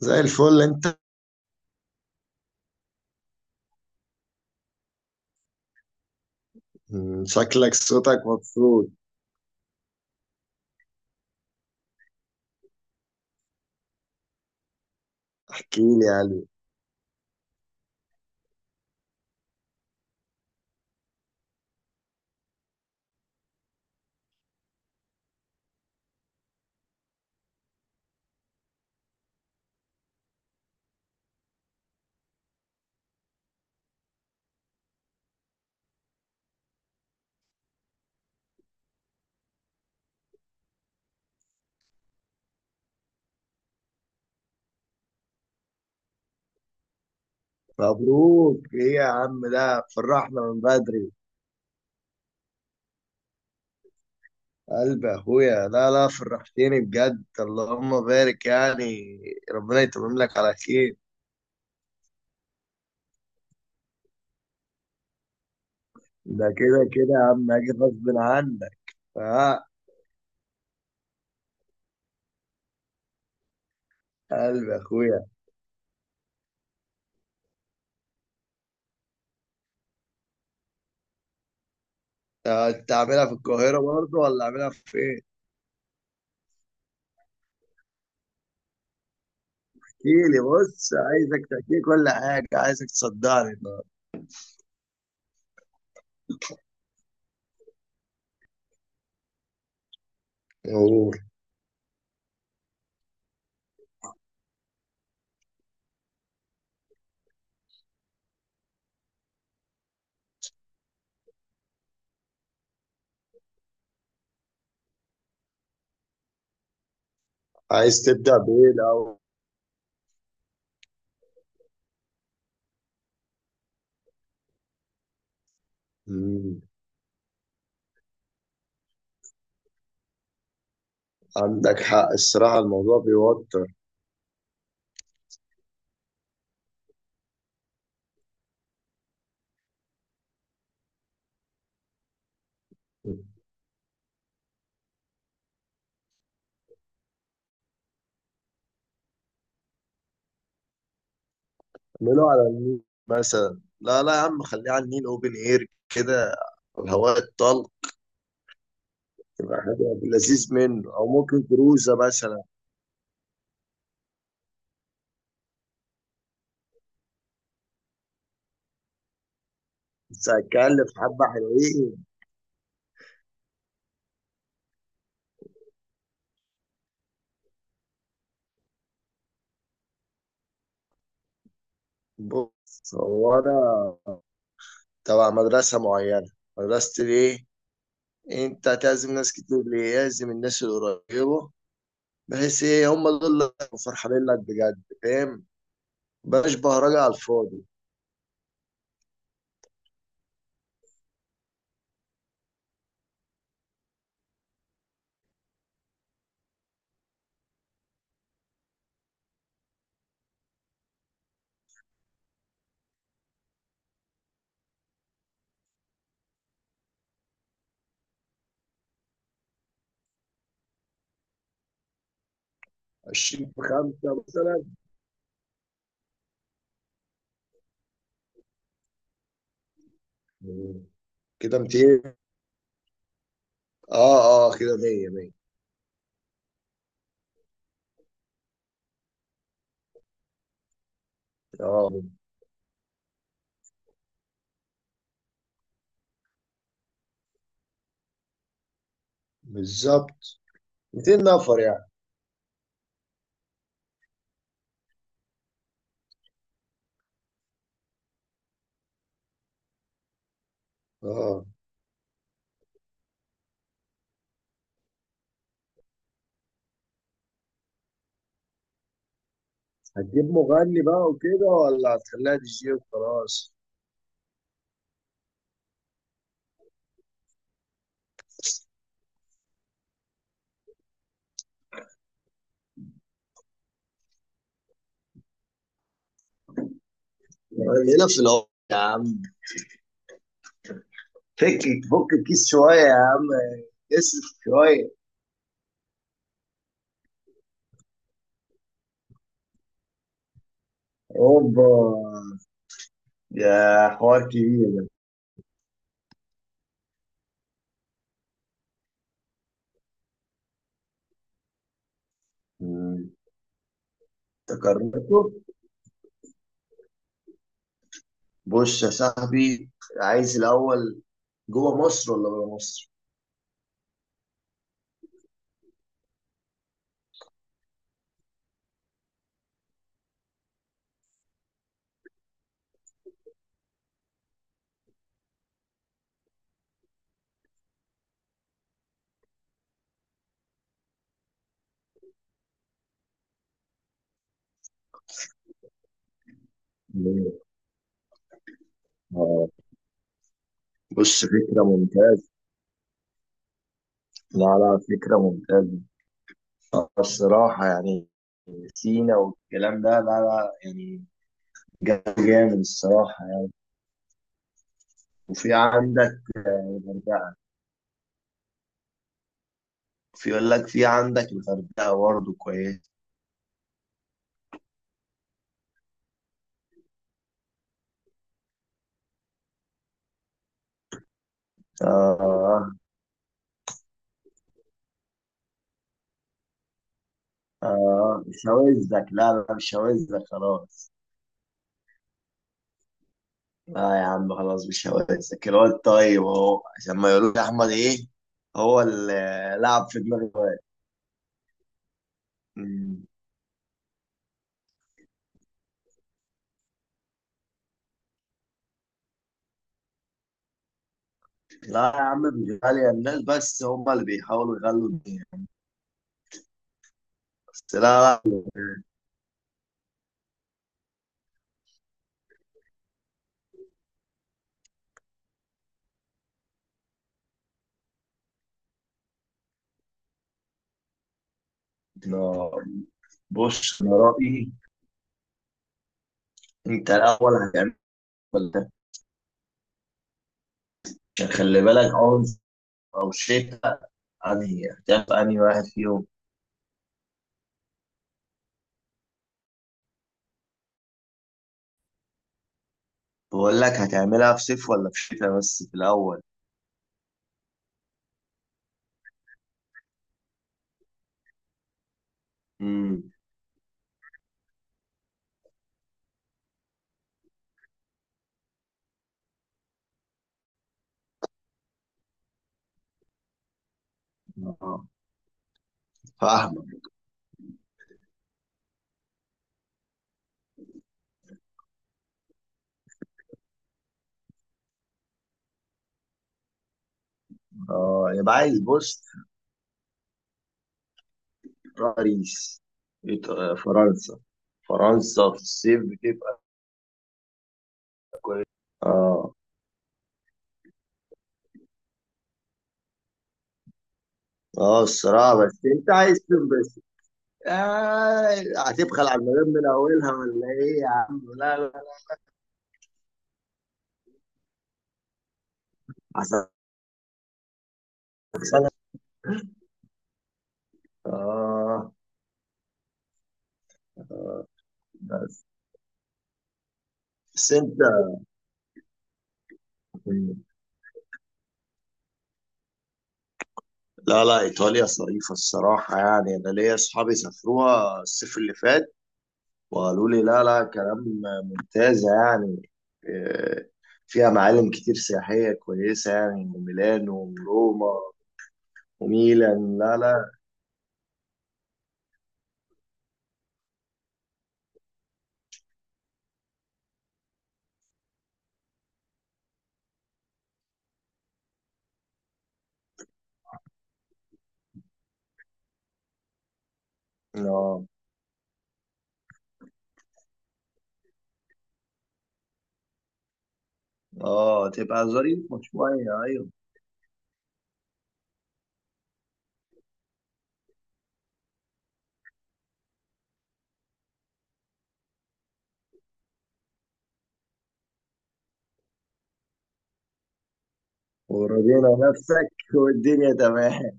زي الفل انت. شكلك صوتك مبسوط. احكي لي يا قلبي. مبروك ايه يا عم، ده فرحنا من بدري. قلب اخويا، لا لا فرحتني بجد، اللهم بارك يعني. ربنا يتمم لك على خير. ده كده كده يا عم، اجي غصب عنك. اه. قلب اخويا. ده انت عاملها في القاهرة برضه ولا عاملها في ايه؟ احكي لي، بص عايزك تحكي لي كل حاجة، عايزك تصدعني النهارده. أوه. عايز تبدأ بإيه الأول؟ عندك حق الصراحة، الموضوع بيوتر. اعمله على النيل مثلا. لا لا يا عم، خليه على النيل اوبن اير كده، الهواء الطلق. يبقى حاجة لذيذ منه، أو ممكن كروزة مثلا. بس هتكلف حبة حلوين. بص هو أنا تبع مدرسة معينة. مدرسة الإيه؟ أنت هتعزم ناس كتير ليه؟ لازم الناس القريبة، بحيث إيه هم دول اللي هيبقوا فرحانين لك بجد، فاهم؟ بلاش بهرجة على الفاضي. 20 في 5 مثلا، كده 200. اه اه، كده 100 100. اه بالظبط، 200 نفر يعني. اه. هتجيب مغني بقى وكده، ولا هتخليها دي جي وخلاص؟ هنا في العمر يا عم. فك فك الكيس شوية يا عم، اصرف شوية. اوبا. يا حوار كبير ده. مم. تكررته. بص يا صاحبي، عايز الأول جوه مصر ولا بره مصر؟ مم. آه. بص فكرة ممتازة. لا لا فكرة ممتازة الصراحة يعني. سينا والكلام ده لا لا يعني جامد الصراحة يعني. وفي عندك الغردقة. في يقول لك في عندك الغردقة برضه كويس. آه. آه شواذك، لا لا مش شواذك خلاص. لا يا عم خلاص مش شواذك الواد، طيب أهو عشان ما يقولوش أحمد إيه. هو اللي لعب في دماغ الواد. مم. لا يا عم مش غالية، الناس بس هم اللي بيحاولوا يغلوا الدنيا. بس لا لا لا، بص أنا رأيي. أنت الأول هتعمل، ولا؟ عشان خلي بالك، عنف أو شتاء؟ أنهي هتعمل، أنهي واحد فيهم؟ بقول لك هتعملها في صيف ولا في شتاء، بس في الأول. امم اه فاهمة. اه يبقى عايز بص. باريس. فرنسا. فرنسا في الصيف بتبقى كويس. اه اه الصراحة، بس انت عايز تنبسط. آه هتبخل على المدام من اولها ولا ايه يا عم؟ لا لا. عشان. آه. بس بس أنت. لا لا إيطاليا ظريفة الصراحة يعني، أنا ليا أصحابي سافروها الصيف اللي فات، وقالوا لي لا لا كلام ممتازة يعني. آه، فيها معالم كتير سياحية كويسة، يعني ميلانو وروما وميلان. لا لا آه آه، تبقى ظريفة شوية أيوة. ورضينا نفسك والدنيا تمام.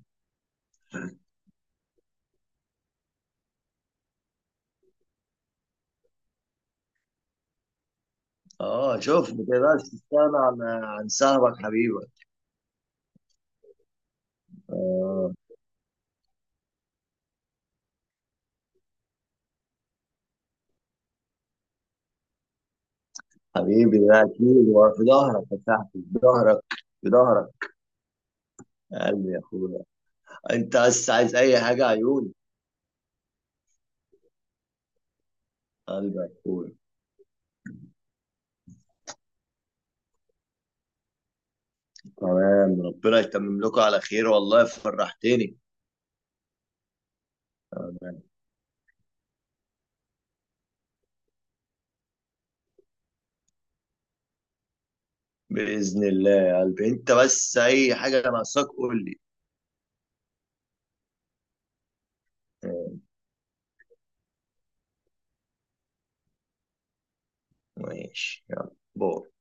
آه شوف، ما تقدرش تستغنى عن صاحبك حبيبك. آه. حبيبي ده اكيد هو في ظهرك يا صاحبي، في ظهرك، في ظهرك. يا قلبي يا اخويا، انت بس عايز اي حاجه عيوني. قلبي يا اخويا. تمام، ربنا يتمم لكم على خير، والله فرحتني. تمام. باذن الله يا قلبي، انت بس اي حاجه ناقصاك قول لي. تمام، ماشي يلا باي.